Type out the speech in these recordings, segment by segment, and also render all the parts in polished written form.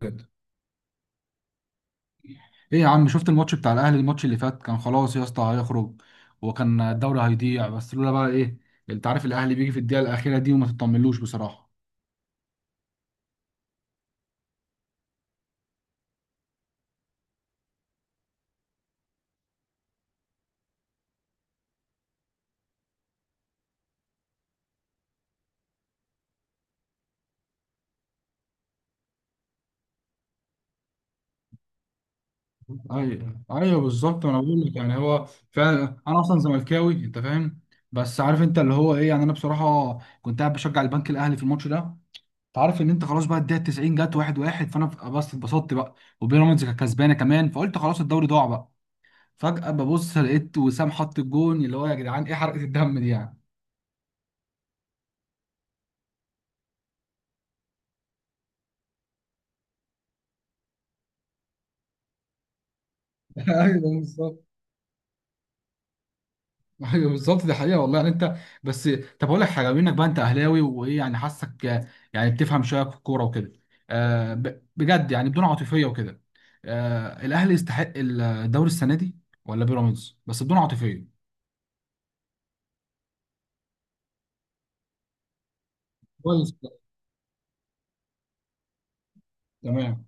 بجد. ايه يا عم، شفت الماتش بتاع الاهلي؟ الماتش اللي فات كان خلاص يا اسطى، هيخرج وكان الدوري هيضيع، بس لولا بقى ايه. انت عارف الاهلي بيجي في الدقيقه الاخيره دي وما تطمنلوش بصراحه. ايوه، ايوه، بالظبط، انا بقول لك يعني هو فعلا، انا اصلا زملكاوي، انت فاهم. بس عارف انت اللي هو ايه يعني، انا بصراحه كنت قاعد بشجع البنك الاهلي في الماتش ده. انت عارف ان انت خلاص بقى، الدقيقه 90 جت، واحد واحد، فانا بس اتبسطت بقى. وبيراميدز كانت كسبانه كمان، فقلت خلاص الدوري ضاع بقى. فجاه ببص لقيت وسام حط الجون، اللي هو يا جدعان ايه حرقه الدم دي يعني؟ ايوه، بالظبط. ايوه بالظبط، دي حقيقه والله يعني انت. بس طب اقول لك حاجه، بما انك بقى انت اهلاوي وايه يعني، حاسك يعني بتفهم شويه في الكوره وكده. بجد يعني، بدون عاطفيه وكده، الاهلي يستحق الدوري السنه دي ولا بيراميدز؟ بس بدون عاطفيه. كويس. تمام.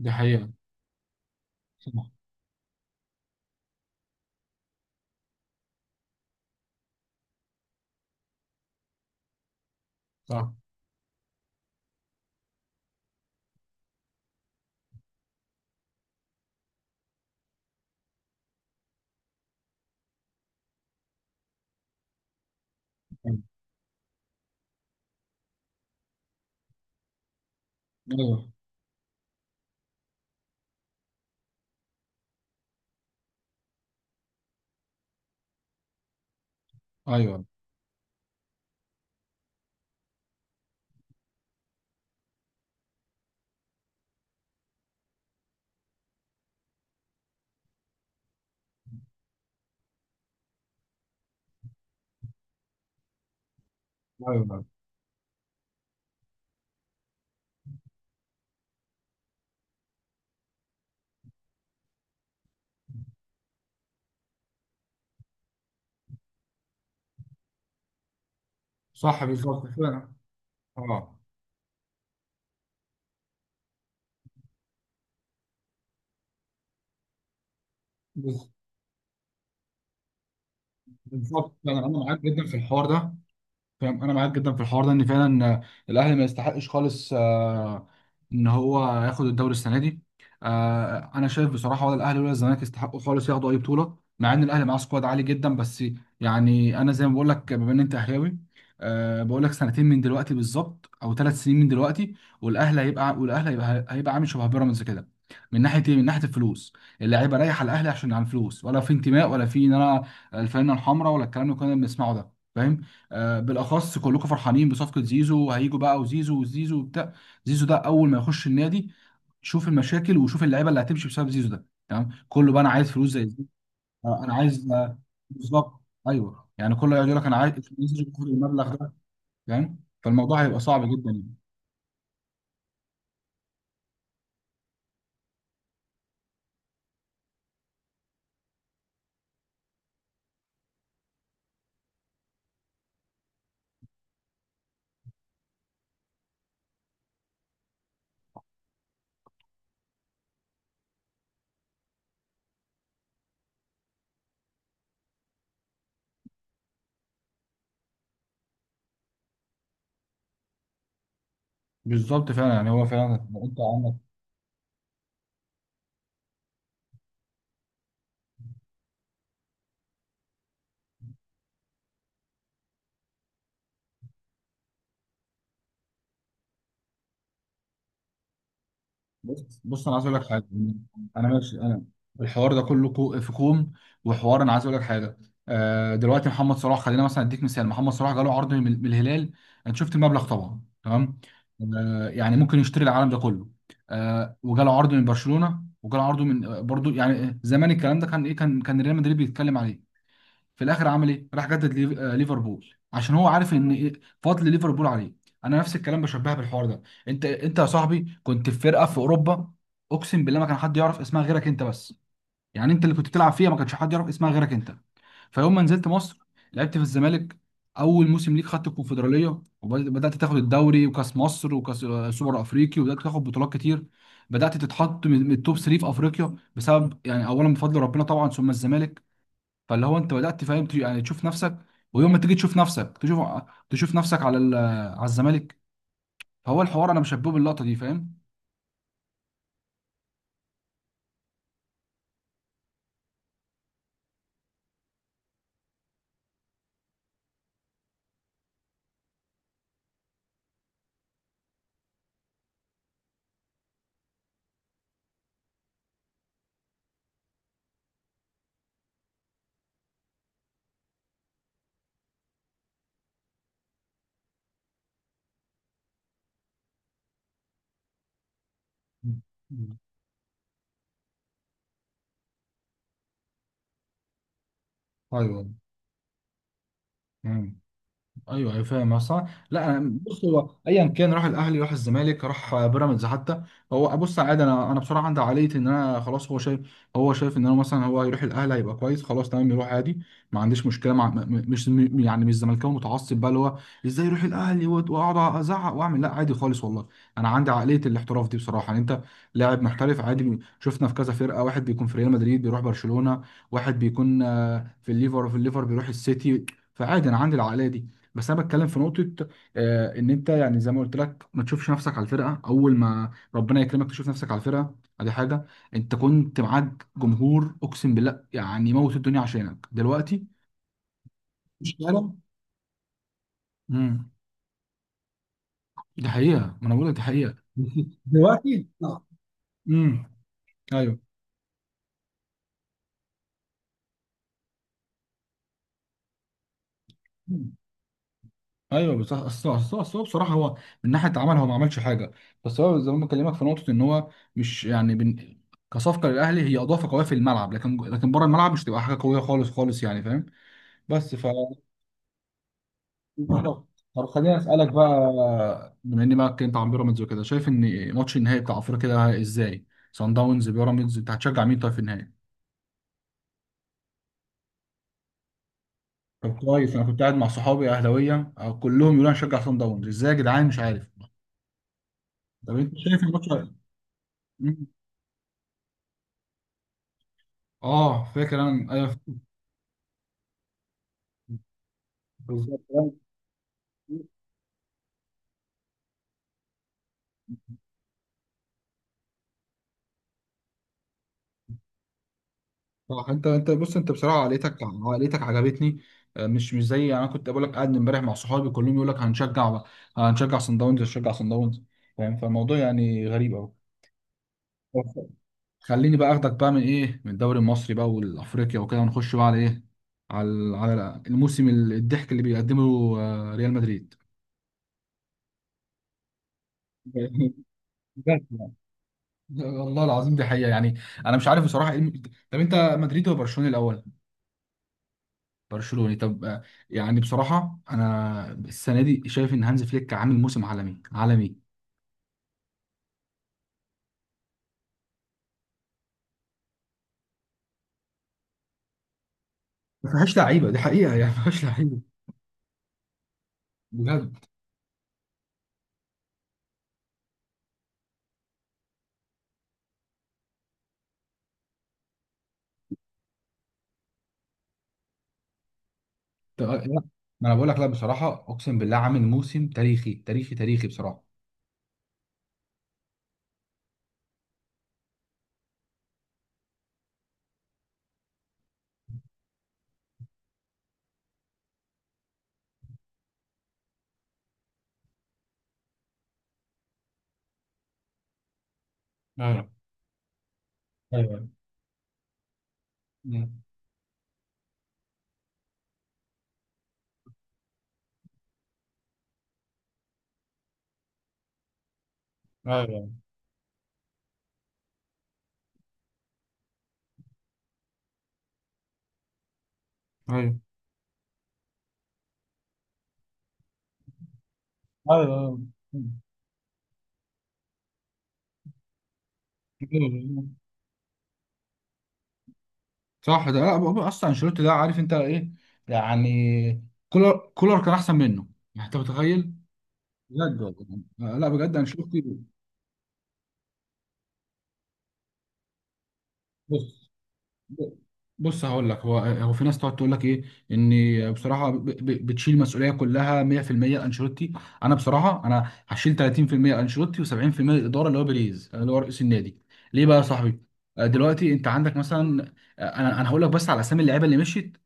دي حقيقه. صح. صح. ايوه. ايوه. ايوه. صح بالظبط فعلا. اه. بز- بالظبط، انا معاك جدا في الحوار ده، فاهم. انا معاك جدا في الحوار ده، ان فعلا الاهلي ما يستحقش خالص، ان هو ياخد الدوري السنه دي. انا شايف بصراحه ولا الاهلي ولا الزمالك يستحقوا خالص ياخدوا اي بطوله، مع ان الاهلي معاه سكواد عالي جدا. بس يعني انا زي ما بقول لك، بما ان انت اهلاوي، بقول لك، سنتين من دلوقتي بالظبط، او 3 سنين من دلوقتي، والاهلي هيبقى، هيبقى عامل شبه بيراميدز كده. من ناحيه ايه، من ناحيه الفلوس. اللعيبه رايحه الاهلي عشان عن فلوس، ولا في انتماء، ولا في ان انا الفانله الحمراء، ولا الكلام اللي كنا بنسمعه ده، فاهم. بالاخص كلكم فرحانين بصفقه زيزو، هيجوا بقى وزيزو وزيزو وبتاع. زيزو ده اول ما يخش النادي، شوف المشاكل وشوف اللعيبه اللي هتمشي بسبب زيزو ده، تمام. كله بقى انا عايز فلوس زي زيزو. آه، انا عايز آه، بالظبط. ايوه يعني كله يقعد يقول لك انا عايز زيزو ياخد المبلغ ده، فاهم. فالموضوع هيبقى صعب جدا يعني. بالظبط فعلا يعني هو فعلا. انت عندك. بص بص انا عايز اقول لك حاجه. انا ماشي. انا الحوار ده كله في كوم، وحوار. انا عايز اقول لك حاجه. دلوقتي محمد صلاح، خلينا مثلا اديك مثال. محمد صلاح جاله عرض من الهلال، انت شفت المبلغ طبعا، تمام. يعني ممكن يشتري العالم ده كله. وجاله عرض من برشلونه، وجاله عرض من برضو يعني، زمان الكلام ده كان ايه، كان ريال مدريد بيتكلم عليه. في الاخر عمل ايه؟ راح جدد ليفربول، عشان هو عارف ان إيه، فضل ليفربول عليه. انا نفس الكلام بشبهها بالحوار ده. انت يا صاحبي كنت في فرقه في اوروبا، اقسم بالله ما كان حد يعرف اسمها غيرك انت بس. يعني انت اللي كنت بتلعب فيها، ما كانش حد يعرف اسمها غيرك انت. فيوم ما نزلت مصر لعبت في الزمالك. اول موسم ليك خدت الكونفدراليه، وبدات تاخد الدوري وكاس مصر وكاس سوبر افريقي، وبدات تاخد بطولات كتير. بدات تتحط من التوب 3 في افريقيا، بسبب يعني اولا بفضل ربنا طبعا، ثم الزمالك. فاللي هو انت بدات فاهم، يعني تشوف نفسك. ويوم ما تيجي تشوف نفسك، تشوف، تشوف نفسك على على الزمالك. فهو الحوار انا مشبهه باللقطه دي، فاهم. مم. ايوه. مم. ايوه. ايوه فاهم اصلا. لا انا بص، هو ايا كان راح الاهلي، راح الزمالك، راح بيراميدز حتى. هو بص عادي، انا بصراحه عندي عقليه ان انا خلاص هو شايف. هو شايف ان انا مثلا هو هيروح الاهلي، هيبقى كويس، خلاص تمام، يروح عادي. ما عنديش مشكله مع، م- م- مش م- يعني مش زملكاوي متعصب بقى اللي هو ازاي يروح الاهلي واقعد ازعق واعمل، لا عادي خالص والله. انا عندي عقليه الاحتراف دي بصراحه، يعني انت لاعب محترف عادي. شفنا في كذا فرقه، واحد بيكون في ريال مدريد بيروح برشلونه، واحد بيكون في الليفر بيروح السيتي. فعادي انا عندي العقليه دي. بس انا بتكلم في نقطه، ان انت يعني زي ما قلت لك، ما تشوفش نفسك على الفرقه اول ما ربنا يكرمك، تشوف نفسك على الفرقه. ادي حاجه. انت كنت معاك جمهور اقسم بالله يعني موت الدنيا عشانك دلوقتي في الشارع. امم. دي حقيقه، ما انا بقول لك دي حقيقه. دلوقتي آه. امم. ايوه. ايوه بس اصل هو بصراحه هو من ناحيه عمل هو ما عملش حاجه. بس هو زي ما بكلمك في نقطه ان هو مش يعني كصفقه للاهلي، هي اضافه قويه في الملعب، لكن بره الملعب مش تبقى حاجه قويه خالص خالص يعني، فاهم. بس ف. طب خليني اسالك بقى، بما اني بقى اتكلمت عن بيراميدز وكده، شايف ان ماتش النهائي بتاع افريقيا ده ازاي؟ سان داونز بيراميدز، انت هتشجع مين طيب في النهائي؟ طب كويس، انا كنت قاعد مع صحابي اهلاويه كلهم يقولوا انا هشجع سان داونز. ازاي يا جدعان، مش عارف. طب انت شايف الماتش؟ اه فاكر انا، ايوه فاكر. بالظبط. صح، انت بص، انت بصراحه عقليتك عجبتني. مش مش زي، يعني انا كنت بقول لك قاعد امبارح مع صحابي كلهم يقول لك هنشجع بقى، هنشجع صن داونز، هنشجع صن داونز، فاهم. فالموضوع يعني غريب قوي. خليني بقى اخدك بقى من ايه، من الدوري المصري بقى والافريقيا وكده، ونخش بقى على ايه، على على الموسم الضحك اللي بيقدمه ريال مدريد. بجد يعني. والله العظيم دي حقيقة يعني. انا مش عارف بصراحة ايه طب انت مدريد ولا برشلونة الاول؟ برشلوني طب، يعني بصراحه انا السنه دي شايف ان هانز فليك عامل موسم عالمي عالمي. ما فيهاش لعيبه، دي حقيقه يعني ما فيهاش لعيبه. بجد. لا، ما انا بقول لك لا بصراحه، اقسم بالله عامل موسم تاريخي تاريخي تاريخي بصراحه. ايوه. ايوه. مم. ايوه. ايوه. ايوه. مم. أيوة. صح، ده لا بقى- اصلا انشيلوتي ده، عارف انت ايه يعني؟ كولر، كولر كان احسن منه، يعني انت متخيل. بجد والله، لا بجد انشيلوتي. بص بص هقول لك، هو في ناس تقعد تقول لك ايه، ان بصراحه بتشيل مسؤوليه كلها 100% انشيلوتي. انا بصراحه انا هشيل 30% انشيلوتي، و70% الاداره اللي هو بيريز اللي هو رئيس النادي، ليه بقى يا صاحبي؟ دلوقتي انت عندك مثلا، انا هقول لك بس على اسامي اللعيبه اللي مشيت.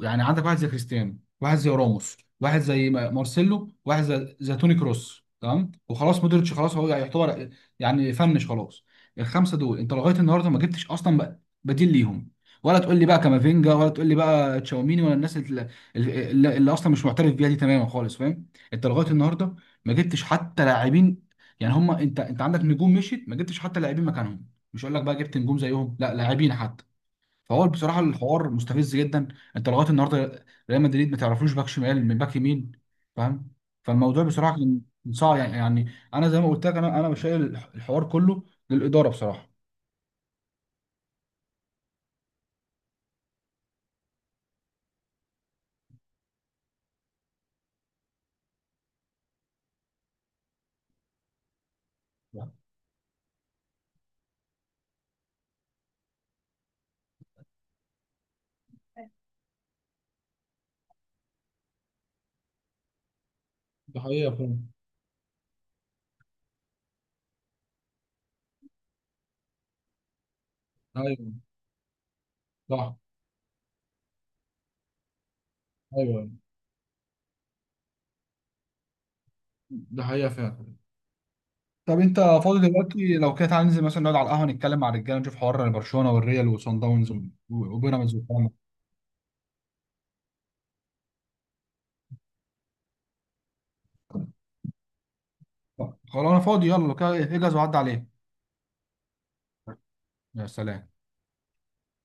يعني عندك واحد زي كريستيانو، واحد زي راموس، واحد زي مارسيلو، واحد زي توني كروس، تمام. وخلاص مودريتش خلاص هو يعتبر يعني فنش خلاص. الخمسه دول انت لغايه النهارده ما جبتش اصلا بديل ليهم. ولا تقول لي بقى كامافينجا، ولا تقول لي بقى تشاوميني، ولا الناس اللي اصلا مش معترف بيها دي تماما خالص، فاهم. انت لغايه النهارده ما جبتش حتى لاعبين يعني هم. انت عندك نجوم مشيت، ما جبتش حتى لاعبين مكانهم. مش هقول لك بقى جبت نجوم زيهم، لا لاعبين حتى. فهو بصراحه الحوار مستفز جدا. انت لغايه النهارده ريال مدريد ما تعرفلوش باك شمال من باك يمين، فاهم. فالموضوع بصراحه كان صعب يعني، يعني انا زي ما قلت لك، انا بشايل الحوار كله للاداره بصراحه. ده حقيقة فعلا. أيوه. صح. أيوه. ده حقيقة فعلا. طب انت فاضي دلوقتي؟ لو كده تعالى ننزل مثلا نقعد على القهوه، نتكلم مع الرجاله، نشوف حوار برشلونه والريال وصن داونز و- وبيراميدز والكلام. ده خلاص انا فاضي، يلا لو كده اجهز وعدي عليه. يا سلام.